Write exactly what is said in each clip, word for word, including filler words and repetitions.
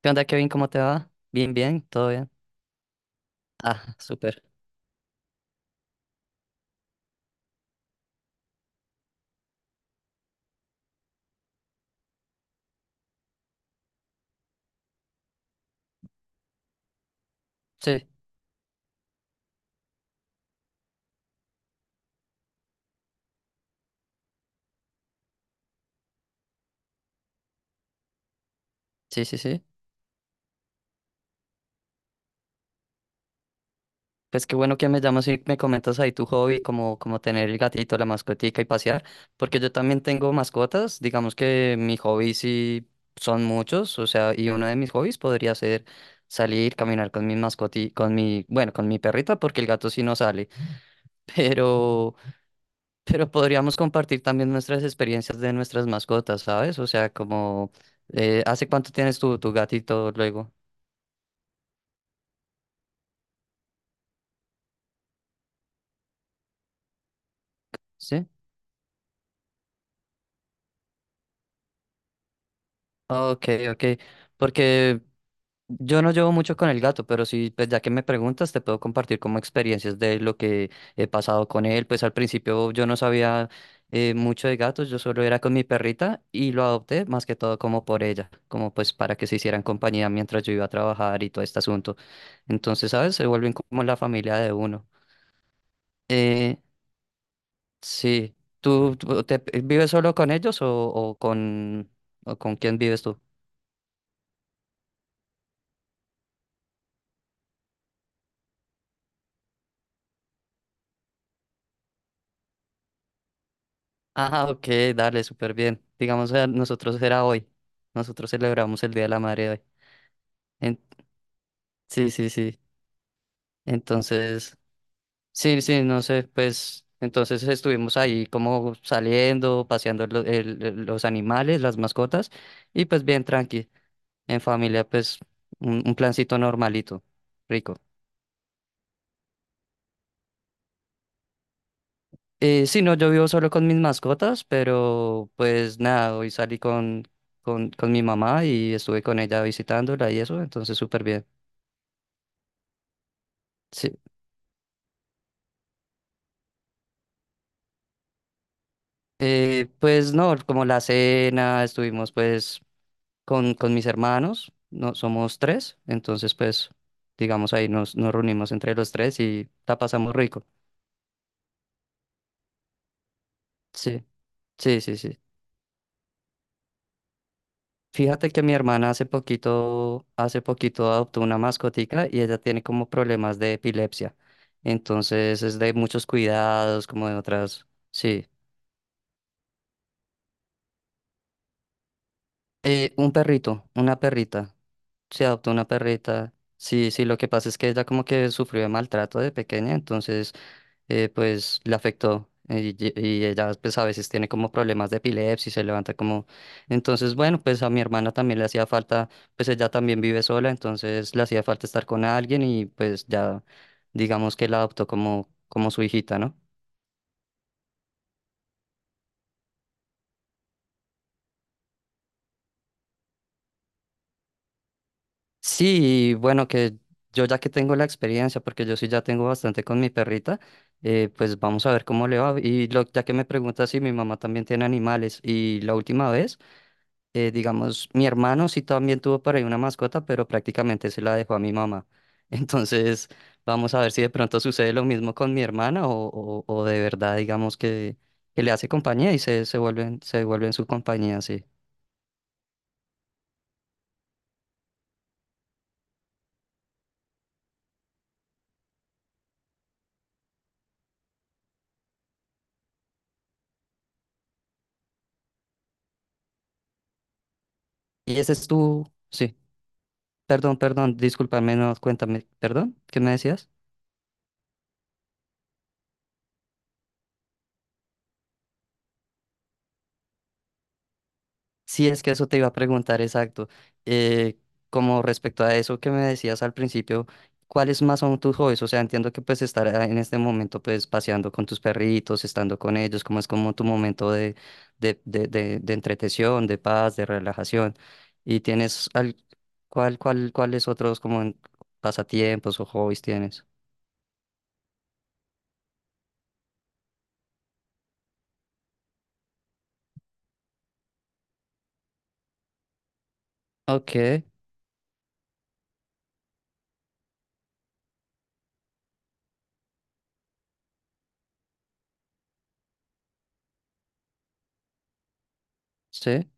¿Qué onda, Kevin? ¿Cómo te va? Bien, bien, todo bien. Ah, súper. Sí, sí, sí, sí. Pues qué bueno que me llamas y me comentas ahí tu hobby, como, como tener el gatito, la mascotica y pasear, porque yo también tengo mascotas, digamos que mis hobbies sí son muchos, o sea, y uno de mis hobbies podría ser salir, caminar con mi mascoti, con mi, bueno, con mi perrita, porque el gato sí no sale, pero. Pero podríamos compartir también nuestras experiencias de nuestras mascotas, ¿sabes? O sea, como, eh, ¿hace cuánto tienes tu, tu gatito luego? ¿Sí? Ok, ok. Porque yo no llevo mucho con el gato, pero sí, pues ya que me preguntas, te puedo compartir como experiencias de lo que he pasado con él. Pues al principio yo no sabía eh, mucho de gatos, yo solo era con mi perrita y lo adopté más que todo como por ella, como pues para que se hicieran compañía mientras yo iba a trabajar y todo este asunto. Entonces, ¿sabes? Se vuelven como la familia de uno. Eh, sí. ¿Tú, tú te- eh, ¿vives solo con ellos o, o con, o con quién vives tú? Ah, ok, dale, súper bien. Digamos, eh, nosotros era hoy. Nosotros celebramos el Día de la Madre hoy. En- Sí, sí, sí. Entonces, sí, sí, no sé, pues entonces estuvimos ahí como saliendo, paseando lo- el- el- los animales, las mascotas, y pues bien tranqui. En familia, pues un, un plancito normalito, rico. Eh, sí, no, yo vivo solo con mis mascotas, pero pues nada, hoy salí con, con, con mi mamá y estuve con ella visitándola y eso, entonces súper bien. Sí, eh, pues no, como la cena, estuvimos pues con, con mis hermanos, no, somos tres, entonces pues digamos ahí nos, nos reunimos entre los tres y la pasamos rico. Sí, sí, sí, sí. Fíjate que mi hermana hace poquito, hace poquito adoptó una mascotica y ella tiene como problemas de epilepsia, entonces es de muchos cuidados, como de otras, sí. Eh, un perrito, una perrita. Se adoptó una perrita. Sí, sí, lo que pasa es que ella como que sufrió de maltrato de pequeña, entonces eh, pues le afectó, eh, y, y ella pues a veces tiene como problemas de epilepsia y se levanta como. Entonces bueno, pues a mi hermana también le hacía falta, pues ella también vive sola, entonces le hacía falta estar con alguien y pues ya digamos que la adoptó como, como su hijita, ¿no? Sí, y bueno, que yo ya que tengo la experiencia, porque yo sí ya tengo bastante con mi perrita, eh, pues vamos a ver cómo le va. Y lo, ya que me pregunta si mi mamá también tiene animales, y la última vez, eh, digamos, mi hermano sí también tuvo por ahí una mascota, pero prácticamente se la dejó a mi mamá. Entonces, vamos a ver si de pronto sucede lo mismo con mi hermana o, o, o de verdad, digamos, que, que le hace compañía y se, se vuelven, se vuelven su compañía, sí. Y ese es tu, sí. Perdón, perdón, discúlpame, no, cuéntame, perdón, ¿qué me decías? Sí, es que eso te iba a preguntar, exacto. Eh, Como respecto a eso que me decías al principio, ¿cuáles más son tus hobbies? O sea, entiendo que pues estar, ah, en este momento pues paseando con tus perritos, estando con ellos, como es como tu momento de, de, de, de, de entretención, de paz, de relajación. ¿Y tienes al, cuál, cuál, cuáles otros como en- pasatiempos o hobbies tienes? Ok, sí,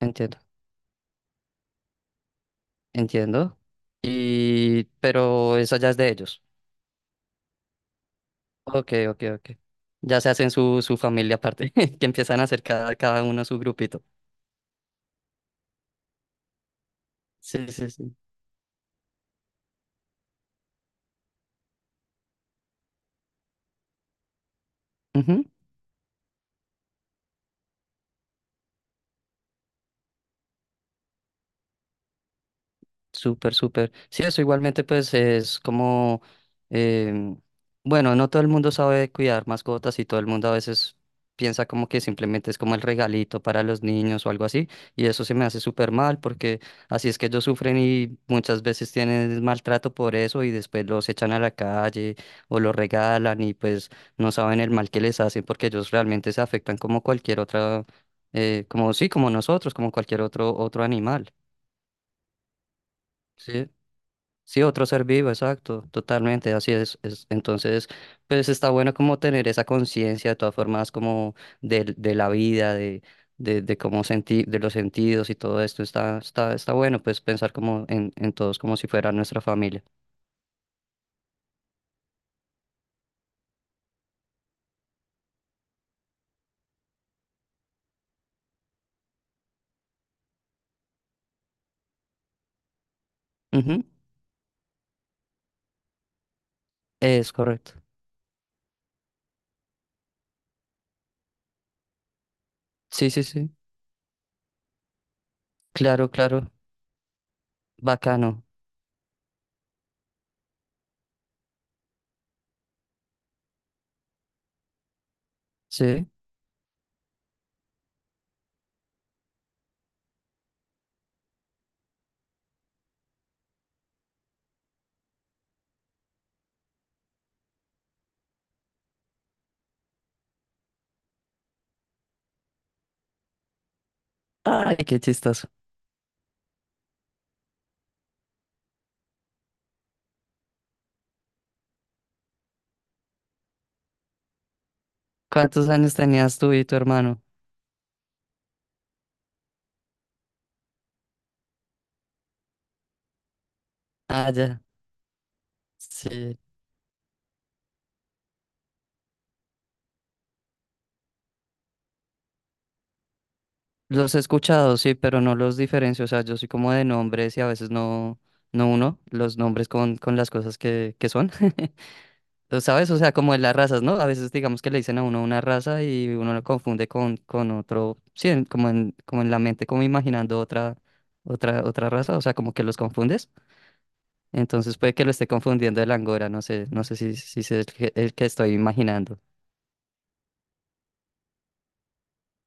entiendo. Entiendo. Y, pero eso ya es de ellos. Ok, ok, ok. Ya se hacen su, su familia aparte, que empiezan a hacer cada, cada uno su grupito. Sí, sí, sí. Súper, súper. Sí, eso igualmente pues es como, em, bueno, no todo el mundo sabe cuidar mascotas y todo el mundo a veces piensa como que simplemente es como el regalito para los niños o algo así y eso se me hace súper mal porque así es que ellos sufren y muchas veces tienen maltrato por eso y después los echan a la calle o los regalan y pues no saben el mal que les hacen porque ellos realmente se afectan como cualquier otra, eh, como sí, como nosotros, como cualquier otro, otro animal. ¿Sí? Sí, otro ser vivo, exacto, totalmente, así es, es- Entonces, pues está bueno como tener esa conciencia de todas formas como del- de, la vida, de, de, de cómo sentir, de los sentidos y todo esto, está, está, está bueno pues pensar como en, en todos como si fuera nuestra familia. Ujú. Es correcto. Sí, sí, sí. Claro, claro. Bacano. Sí. Ay, qué chistoso. ¿Cuántos años tenías tú y tu hermano? Ah, ya. Sí. Los he escuchado, sí, pero no los diferencio. O sea, yo soy como de nombres y a veces no, no uno los nombres con, con las cosas que, que son. ¿Lo sabes? O sea, como en las razas, ¿no? A veces digamos que le dicen a uno una raza y uno lo confunde con, con otro, sí, en- como en, como en la mente, como imaginando otra, otra, otra raza, o sea, como que los confundes. Entonces puede que lo esté confundiendo el angora, no sé, no sé si, si es el que, el que estoy imaginando.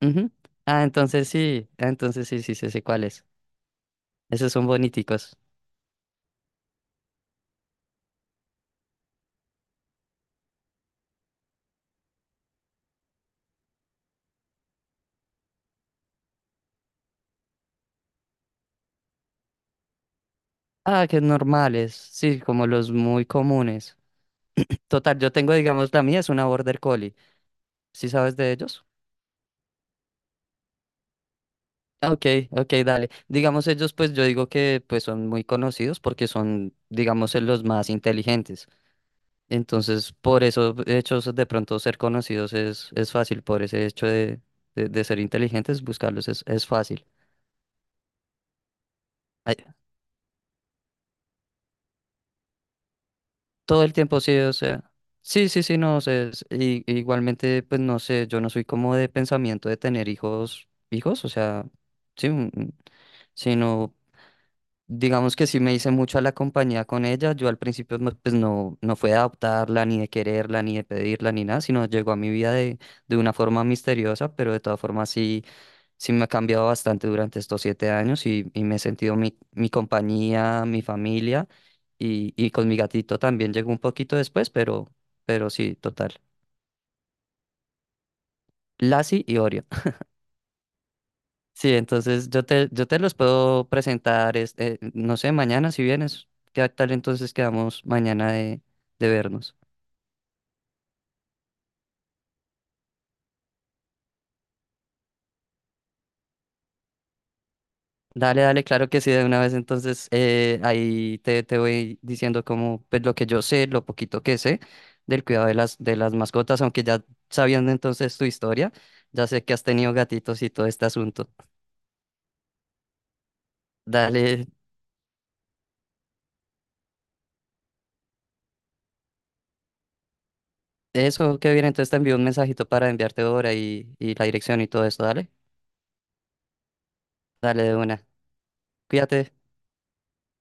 Ujú. Ah, entonces sí, ah, entonces sí, sí, sí, sé cuál es. Esos son boniticos. Ah, que normales, sí, como los muy comunes. Total, yo tengo, digamos, la mía es una Border Collie. ¿Sí sabes de ellos? Ah, ok, ok, dale. Digamos, ellos, pues yo digo que pues son muy conocidos porque son, digamos, eh, los más inteligentes. Entonces, por eso, hechos de pronto ser conocidos es, es fácil, por ese hecho de, de, de ser inteligentes, buscarlos es, es fácil. Todo el tiempo, sí, o sea. Sí, sí, sí, no sé. Es- y- igualmente, pues no sé, yo no soy como de pensamiento de tener hijos, hijos, o sea, sí, un- un- sino, digamos que sí me hice mucho a la compañía con ella. Yo al principio, no, pues no, no fue de adoptarla, ni de quererla, ni de pedirla, ni nada, sino llegó a mi vida de, de una forma misteriosa, pero de todas formas sí sí me ha cambiado bastante durante estos siete años y, y me he sentido mi, mi compañía, mi familia y, y con mi gatito también llegó un poquito después, pero, pero sí, total. Lassie y Orion. Sí, entonces yo te, yo te los puedo presentar, este, no sé, mañana si vienes. ¿Qué tal entonces quedamos mañana de, de vernos? Dale, dale, claro que sí, de una vez. Entonces, eh, ahí te, te voy diciendo como, pues, lo que yo sé, lo poquito que sé del cuidado de las, de las mascotas, aunque ya sabiendo entonces tu historia, ya sé que has tenido gatitos y todo este asunto. Dale, eso que viene, entonces te envío un mensajito para enviarte ahora y, y la dirección y todo eso, dale. Dale de una. Cuídate.